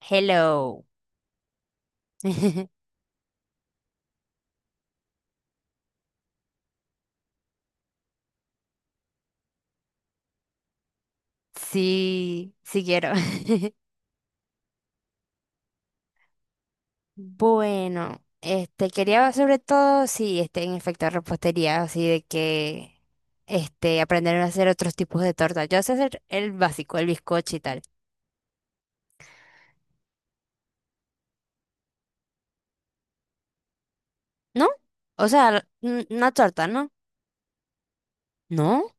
Hello. Sí, sí quiero. Bueno, este quería sobre todo sí, este en efecto repostería, así de que este aprender a hacer otros tipos de torta. Yo sé hacer el básico, el bizcocho y tal. ¿No? O sea, n- una torta, ¿no? ¿No?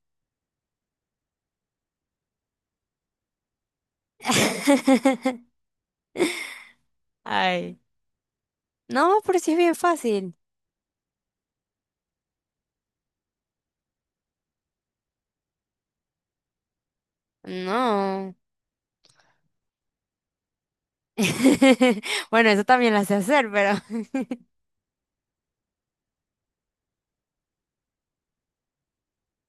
Ay. No, pero sí es bien fácil. No. Bueno, eso también lo sé hacer, pero.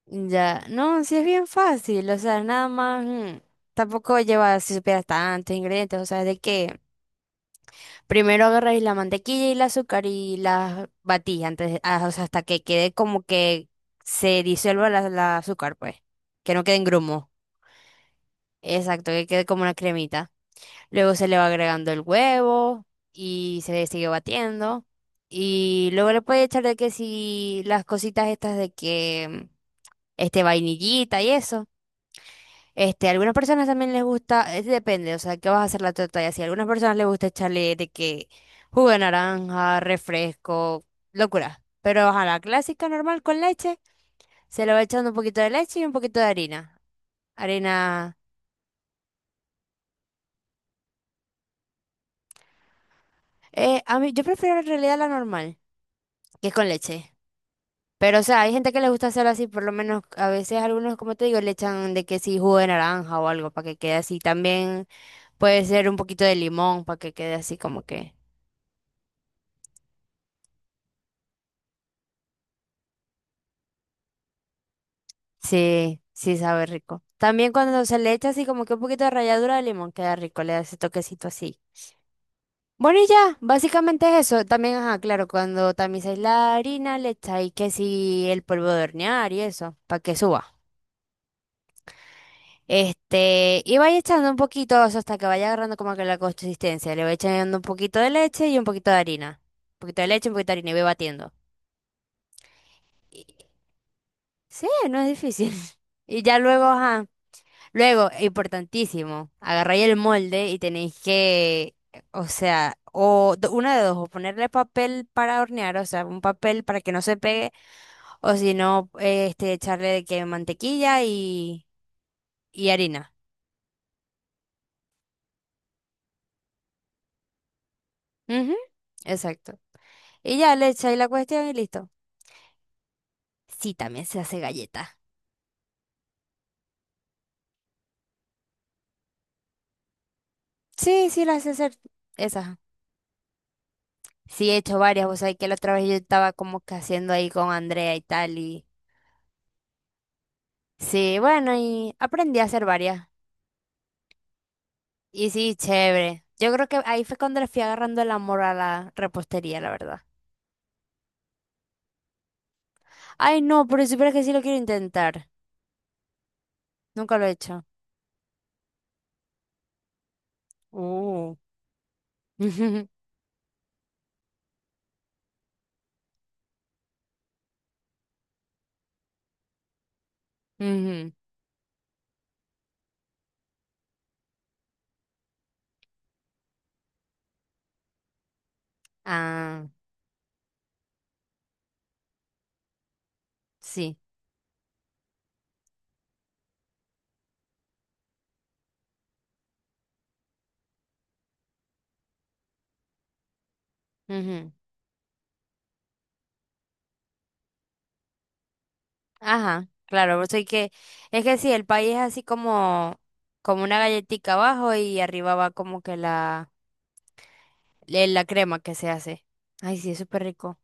Ya, no, sí es bien fácil, o sea, nada más, tampoco lleva, si supieras, tantos ingredientes, o sea, de que primero agarráis la mantequilla y el azúcar y las batís antes, de- ah, o sea, hasta que quede como que se disuelva la azúcar, pues, que no quede en grumo, exacto, que quede como una cremita. Luego se le va agregando el huevo y se le sigue batiendo y luego le puedes echar de que si las cositas estas de que, este, vainillita y eso. Este, a algunas personas también les gusta, es depende, o sea, qué vas a hacer la torta y así. A algunas personas les gusta echarle de que jugo de naranja, refresco, locura. Pero a la clásica normal con leche, se le va echando un poquito de leche y un poquito de harina. Harina, a mí, yo prefiero en realidad la normal, que es con leche. Pero, o sea, hay gente que les gusta hacerlo así, por lo menos a veces algunos, como te digo, le echan de que sí jugo de naranja o algo para que quede así. También puede ser un poquito de limón para que quede así como que. Sí, sí sabe rico. También cuando se le echa así como que un poquito de ralladura de limón, queda rico, le da ese toquecito así. Bueno, y ya, básicamente es eso. También, ajá, claro, cuando tamizáis la harina, le echáis que si el polvo de hornear y eso, para que suba. Este, y vais echando un poquito eso hasta que vaya agarrando como que la consistencia. Le vais echando un poquito de leche y un poquito de harina. Un poquito de leche, un poquito de harina y voy batiendo. Y- sí, no es difícil. Y ya luego, ajá. Luego, importantísimo, agarráis el molde y tenéis que, o sea, o do- una de dos, o ponerle papel para hornear, o sea, un papel para que no se pegue, o si no, este, echarle de que mantequilla y harina. Ujú, exacto. Y ya le echáis la cuestión y listo. Sí, también se hace galleta. Sí, sí, las sé hacer esas. Sí, he hecho varias, vos sea, que la otra vez yo estaba como que haciendo ahí con Andrea y tal, y sí, bueno, y aprendí a hacer varias. Y sí, chévere. Yo creo que ahí fue cuando le fui agarrando el amor a la repostería, la verdad. Ay, no, pero si supieras que sí lo quiero intentar. Nunca lo he hecho. Uh. Ujú. Ah, sí. Ujú. Ajá, claro, pues soy que, es que sí, el país es así como, como una galletita abajo y arriba va como que la, le- la crema que se hace. Ay, sí, es súper rico.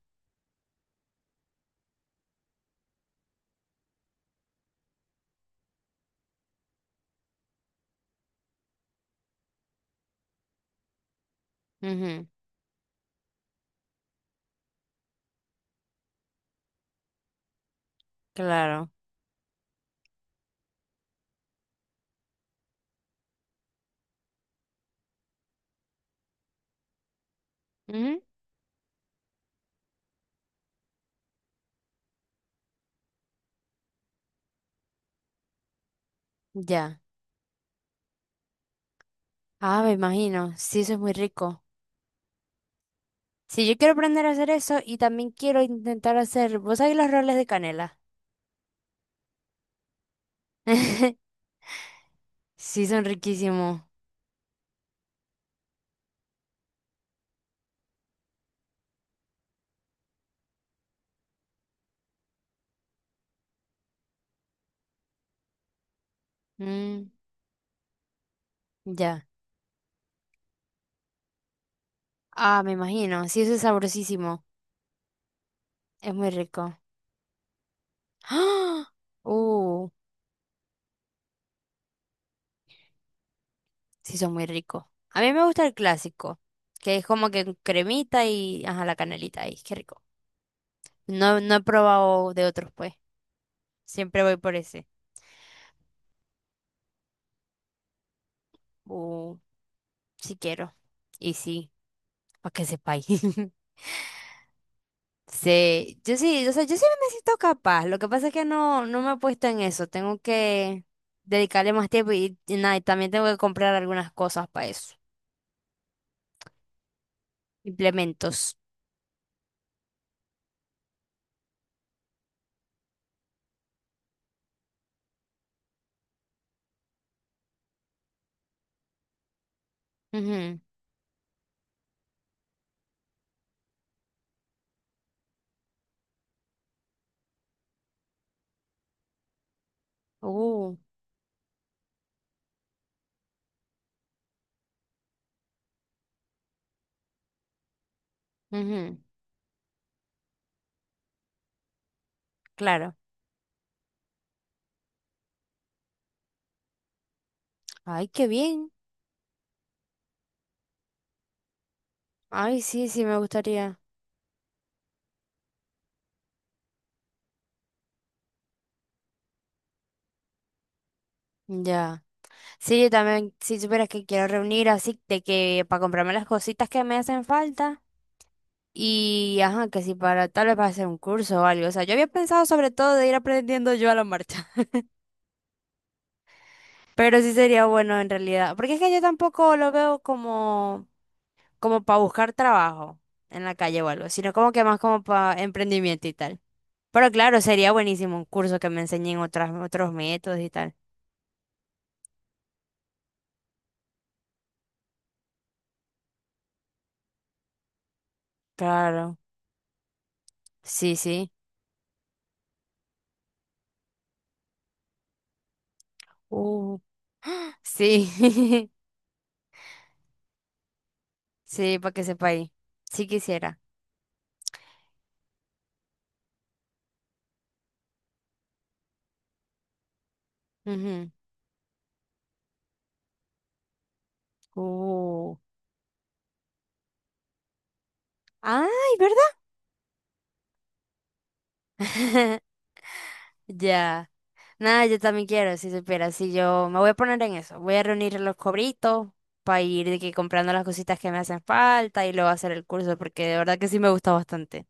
Ujú, claro. Ujú, ya. Ah, me imagino. Sí, eso es muy rico. Sí, yo quiero aprender a hacer eso y también quiero intentar hacer, ¿vos sabés los roles de canela? Sí, son riquísimos. Mm, ya. Ah, me imagino. Sí, eso es sabrosísimo. Es muy rico. ¡Ah! Uh, sí, son muy ricos. A mí me gusta el clásico, que es como que cremita y, ajá, la canelita ahí. Qué rico. No, no he probado de otros, pues. Siempre voy por ese. Uh, sí quiero. Y sí, para que sepáis. Sí, yo sí, o sea, yo sí me siento capaz. Lo que pasa es que no, no me he puesto en eso. Tengo que dedicarle más tiempo y nada, y también tengo que comprar algunas cosas para eso. Implementos. Ujú. Uh, ujú, claro. Ay, qué bien. Ay, sí, sí, me gustaría. Ya. Sí, yo también, si supieras que quiero reunir así de que para comprarme las cositas que me hacen falta. Y ajá, que si para tal vez para hacer un curso o algo. O sea, yo había pensado sobre todo de ir aprendiendo yo a la marcha. Pero sí sería bueno en realidad, porque es que yo tampoco lo veo como, como para buscar trabajo en la calle o algo, sino como que más como para emprendimiento y tal. Pero claro, sería buenísimo un curso que me enseñen otros métodos y tal. Claro, sí, sí. Uh. Sí, sí, para que sepa ahí. Sí quisiera. Ujú. Uh. Ay, ¿verdad? Ya. Nada, yo también quiero, si supieras, si yo me voy a poner en eso, voy a reunir los cobritos para ir de que comprando las cositas que me hacen falta y luego hacer el curso, porque de verdad que sí me gusta bastante.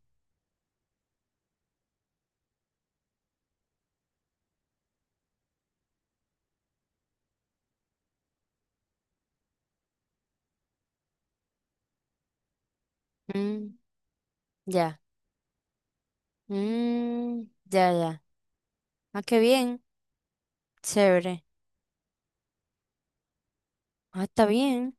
Mm, ya, mm, ya, ya. Ah, qué bien, chévere. Ah, está bien,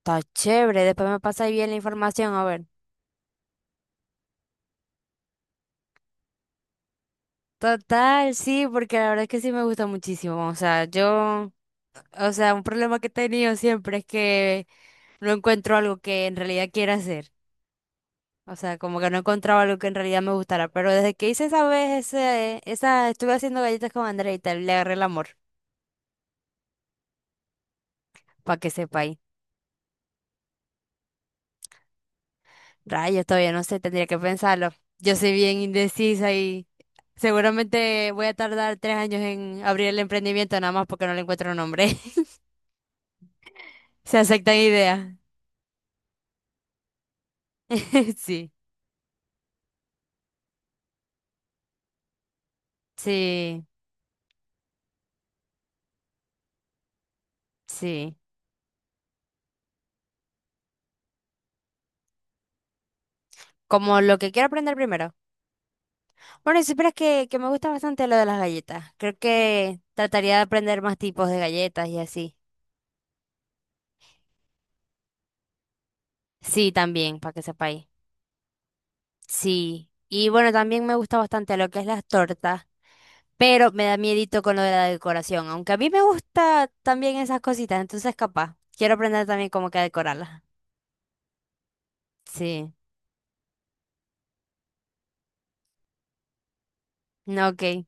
está chévere, después me pasa bien la información, a ver. Total, sí, porque la verdad es que sí me gusta muchísimo, o sea, yo, o sea, un problema que he tenido siempre es que no encuentro algo que en realidad quiera hacer. O sea, como que no encontraba algo que en realidad me gustara. Pero desde que hice esa vez, estuve haciendo galletas con Andrea y tal, le agarré el amor, para que sepa ahí. Rayos, todavía no sé, tendría que pensarlo. Yo soy bien indecisa y seguramente voy a tardar 3 años en abrir el emprendimiento nada más porque no le encuentro nombre. Se aceptan ideas. Sí, sí, sí. Como lo que quiero aprender primero. Bueno, si supieras que me gusta bastante lo de las galletas. Creo que trataría de aprender más tipos de galletas y así. Sí, también, para que sepáis. Sí. Y bueno, también me gusta bastante lo que es las tortas, pero me da miedito con lo de la decoración, aunque a mí me gusta también esas cositas, entonces capaz. Quiero aprender también cómo que a decorarlas. Sí. No, ok.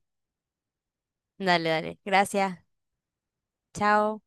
Dale, dale. Gracias. Chao.